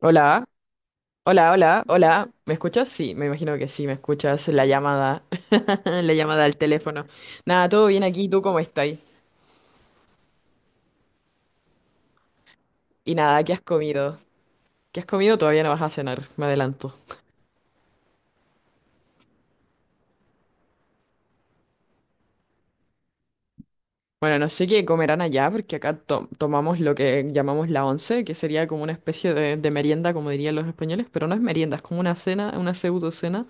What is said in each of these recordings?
Hola, hola, hola, hola. ¿Me escuchas? Sí, me imagino que sí, me escuchas la llamada, la llamada al teléfono. Nada, todo bien aquí, ¿tú cómo estás? Y nada, ¿qué has comido? ¿Qué has comido? Todavía no vas a cenar, me adelanto. Bueno, no sé qué comerán allá, porque acá tomamos lo que llamamos la once, que sería como una especie de merienda, como dirían los españoles, pero no es merienda, es como una cena, una pseudo cena,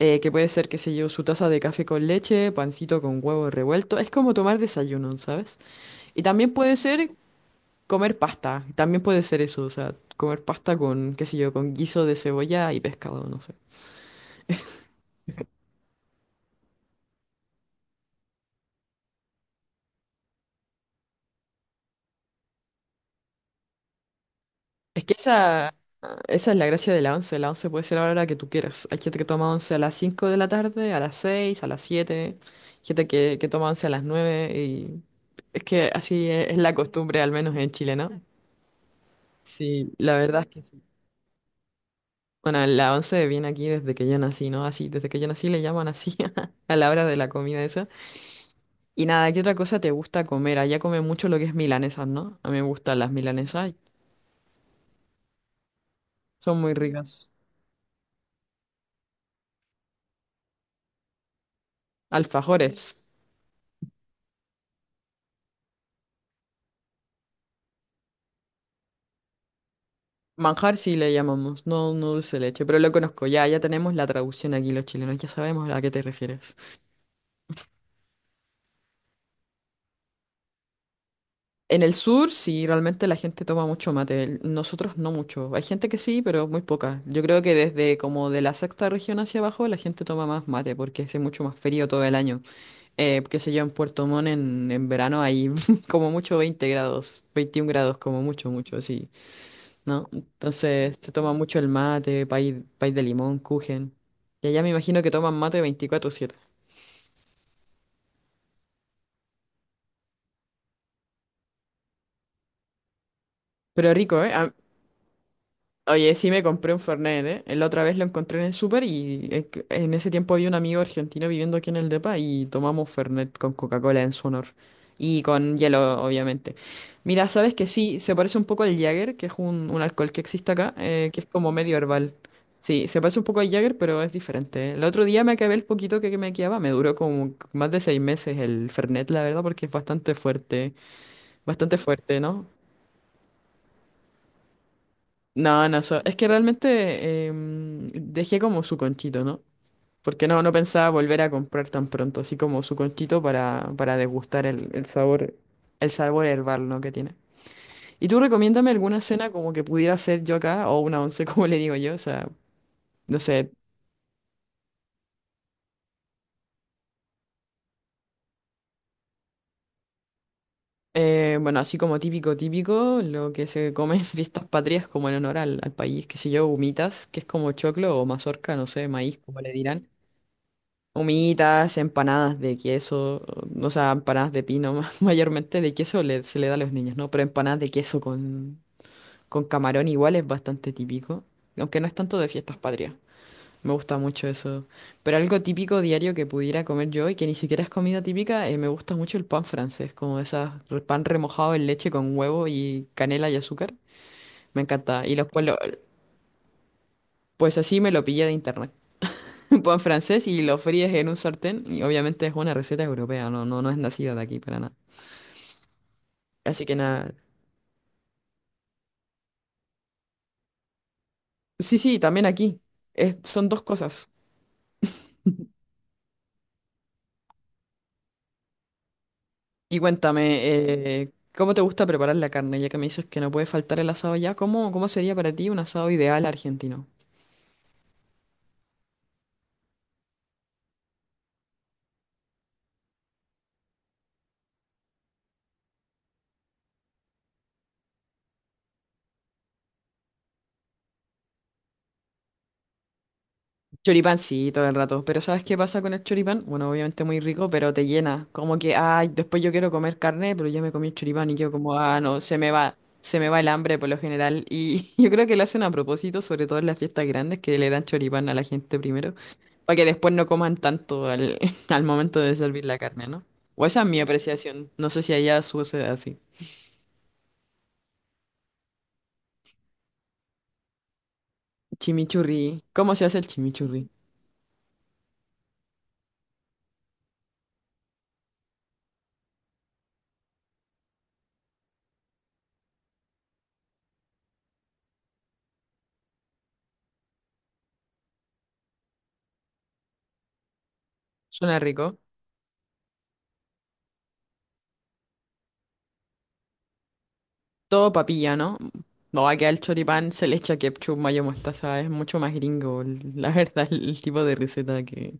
que puede ser, qué sé yo, su taza de café con leche, pancito con huevo revuelto. Es como tomar desayuno, ¿sabes? Y también puede ser comer pasta, también puede ser eso, o sea, comer pasta con, qué sé yo, con guiso de cebolla y pescado, no sé. Es que esa, esa es la gracia de la once puede ser a la hora que tú quieras. Hay gente que toma once a las 5 de la tarde, a las 6 a las siete, gente que toma once a las 9 y es que así es la costumbre, al menos en Chile, ¿no? Sí, la verdad es que sí. Bueno, la once viene aquí desde que yo nací, ¿no? Así, desde que yo nací le llaman así a la hora de la comida esa. Y nada, ¿qué otra cosa te gusta comer? Allá come mucho lo que es milanesas, ¿no? A mí me gustan las milanesas, son muy ricas. Alfajores. Manjar sí le llamamos, no, no dulce de leche, pero lo conozco ya, ya tenemos la traducción aquí los chilenos, ya sabemos a qué te refieres. En el sur sí, realmente la gente toma mucho mate, nosotros no mucho. Hay gente que sí, pero muy poca. Yo creo que desde como de la sexta región hacia abajo la gente toma más mate porque hace mucho más frío todo el año. Qué sé yo, en Puerto Montt en verano hay como mucho 20 grados, 21 grados como mucho, mucho, sí, ¿no? Entonces se toma mucho el mate, país, de limón, kuchen. Y allá me imagino que toman mate 24/7. Pero rico, ¿eh? A- Oye, sí me compré un Fernet, ¿eh? La otra vez lo encontré en el súper y en ese tiempo había un amigo argentino viviendo aquí en el depa y tomamos Fernet con Coca-Cola en su honor. Y con hielo, obviamente. Mira, sabes que sí, se parece un poco al Jäger, que es un alcohol que existe acá, que es como medio herbal. Sí, se parece un poco al Jäger, pero es diferente, ¿eh? El otro día me acabé el poquito que me quedaba, me duró como más de 6 meses el Fernet, la verdad, porque es bastante fuerte, ¿no? No, no, es que realmente dejé como su conchito, ¿no? Porque no, no pensaba volver a comprar tan pronto, así como su conchito para degustar el sabor herbal, ¿no? que tiene. ¿Y tú recomiéndame alguna cena como que pudiera hacer yo acá, o una once, como le digo yo? O sea, no sé, bueno, así como típico, típico, lo que se come en fiestas patrias como en honor al país, qué sé yo, humitas, que es como choclo o mazorca, no sé, maíz, como le dirán. Humitas, empanadas de queso, o sea, empanadas de pino, mayormente de queso se le da a los niños, ¿no? Pero empanadas de queso con camarón igual es bastante típico, aunque no es tanto de fiestas patrias. Me gusta mucho eso. Pero algo típico diario que pudiera comer yo y que ni siquiera es comida típica, me gusta mucho el pan francés, como esas pan remojado en leche con huevo y canela y azúcar. Me encanta. Y los pueblos, pues así me lo pillé de internet. Un pan francés y lo fríes en un sartén. Y obviamente es una receta europea, no, no, no es nacida de aquí para nada. Así que nada. Sí, sí, también aquí. Es- son dos cosas. Y cuéntame, ¿cómo te gusta preparar la carne? Ya que me dices que no puede faltar el asado ya, ¿cómo, cómo sería para ti un asado ideal argentino? Choripán sí, todo el rato, pero ¿sabes qué pasa con el choripán? Bueno, obviamente muy rico, pero te llena, como que, ay, después yo quiero comer carne, pero ya me comí el choripán y yo como, ah, no, se me va el hambre por lo general, y yo creo que lo hacen a propósito, sobre todo en las fiestas grandes, que le dan choripán a la gente primero, para que después no coman tanto al momento de servir la carne, ¿no? O esa es mi apreciación, no sé si allá sucede así. Chimichurri, ¿cómo se hace el chimichurri? Suena rico. Todo papilla, ¿no? No, acá el choripán se le echa ketchup, mayo, mostaza. Es mucho más gringo, la verdad, el tipo de receta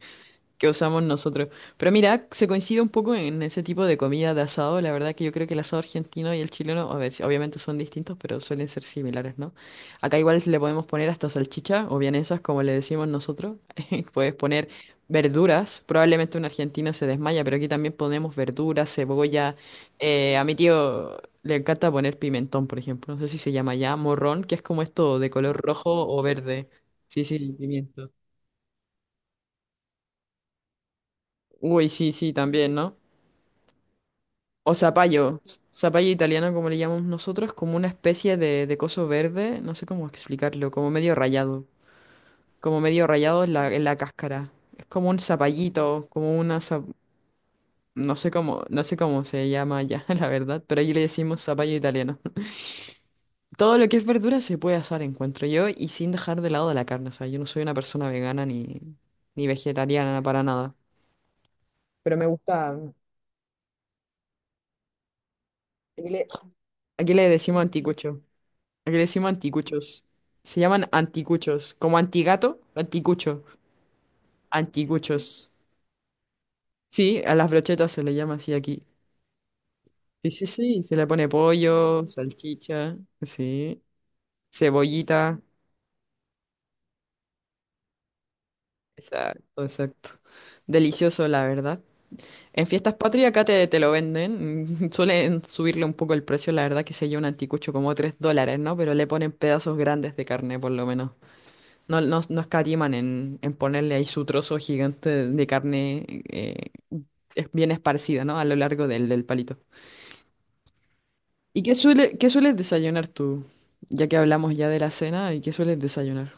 que usamos nosotros. Pero mira, se coincide un poco en ese tipo de comida de asado. La verdad que yo creo que el asado argentino y el chileno, a ver, sí, obviamente son distintos, pero suelen ser similares, ¿no? Acá igual le podemos poner hasta salchicha o vienesas, como le decimos nosotros. Puedes poner verduras. Probablemente un argentino se desmaya, pero aquí también ponemos verduras, cebolla. A mi tío le encanta poner pimentón, por ejemplo. No sé si se llama ya morrón, que es como esto de color rojo o verde. Sí, sí, pimiento. Uy, sí, sí, también, ¿no? O zapallo, zapallo italiano como le llamamos nosotros, como una especie de coso verde, no sé cómo explicarlo, como medio rayado en en la cáscara. Es como un zapallito, como una, za- no sé cómo, no sé cómo se llama ya, la verdad, pero allí le decimos zapallo italiano. Todo lo que es verdura se puede asar, encuentro yo, y sin dejar de lado de la carne, o sea, yo no soy una persona vegana ni, ni vegetariana para nada, pero me gusta, aquí le, aquí le decimos anticucho. Aquí le decimos anticuchos. Se llaman anticuchos. Como antigato, anticucho. Anticuchos. Sí, a las brochetas se le llama así aquí. Sí, sí, sí. Se le pone pollo, salchicha, sí. Cebollita. Exacto, exacto. Delicioso, la verdad. En fiestas patrias acá te lo venden. Suelen subirle un poco el precio, la verdad, que se lleva un anticucho como 3 dólares, ¿no? Pero le ponen pedazos grandes de carne, por lo menos. No, no, no escatiman en ponerle ahí su trozo gigante de carne, bien esparcida, ¿no? A lo largo del palito. ¿Y qué suele, qué sueles desayunar tú? Ya que hablamos ya de la cena, ¿y qué sueles desayunar?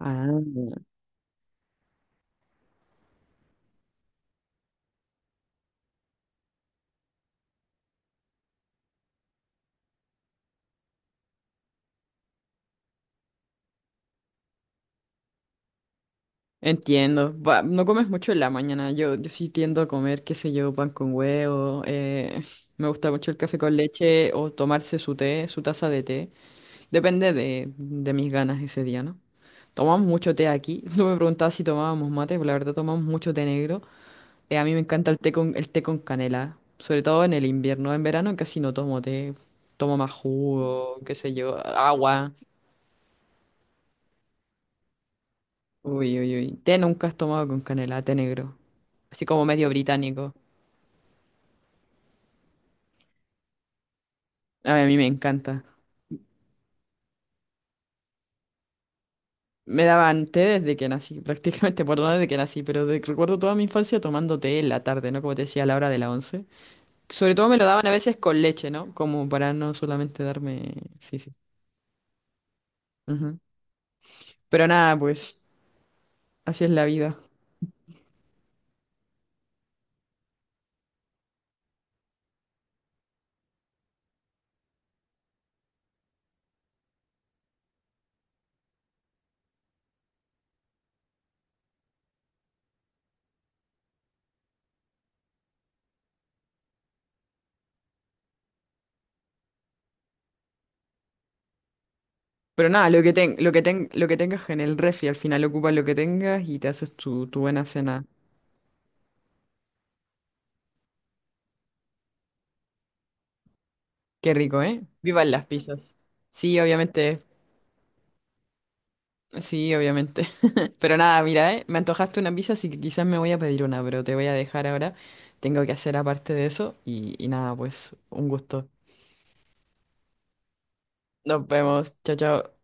Ah, entiendo. Va, no comes mucho en la mañana. Yo sí tiendo a comer, qué sé yo, pan con huevo. Me gusta mucho el café con leche o tomarse su té, su taza de té. Depende de mis ganas ese día, ¿no? Tomamos mucho té aquí. No me preguntabas si tomábamos mate, pero la verdad tomamos mucho té negro. A mí me encanta el té el té con canela, sobre todo en el invierno. En verano casi no tomo té, tomo más jugo, qué sé yo, agua. Uy, uy, uy. Té nunca has tomado con canela, té negro. Así como medio británico. A mí me encanta. Me daban té desde que nací, prácticamente, por desde que nací, pero recuerdo toda mi infancia tomando té en la tarde, ¿no? Como te decía, a la hora de la once. Sobre todo me lo daban a veces con leche, ¿no? Como para no solamente darme... Sí, sí. Ujú. Pero nada, pues así es la vida. Pero nada, lo que tengas en el refri, al final ocupas lo que tengas y te haces tu buena cena. Qué rico, ¿eh? Vivan las pizzas. Sí, obviamente. Sí, obviamente. Pero nada, mira, ¿eh? Me antojaste una pizza, así que quizás me voy a pedir una, pero te voy a dejar ahora. Tengo que hacer aparte de eso y nada, pues un gusto. Nos vemos. Chao, chao.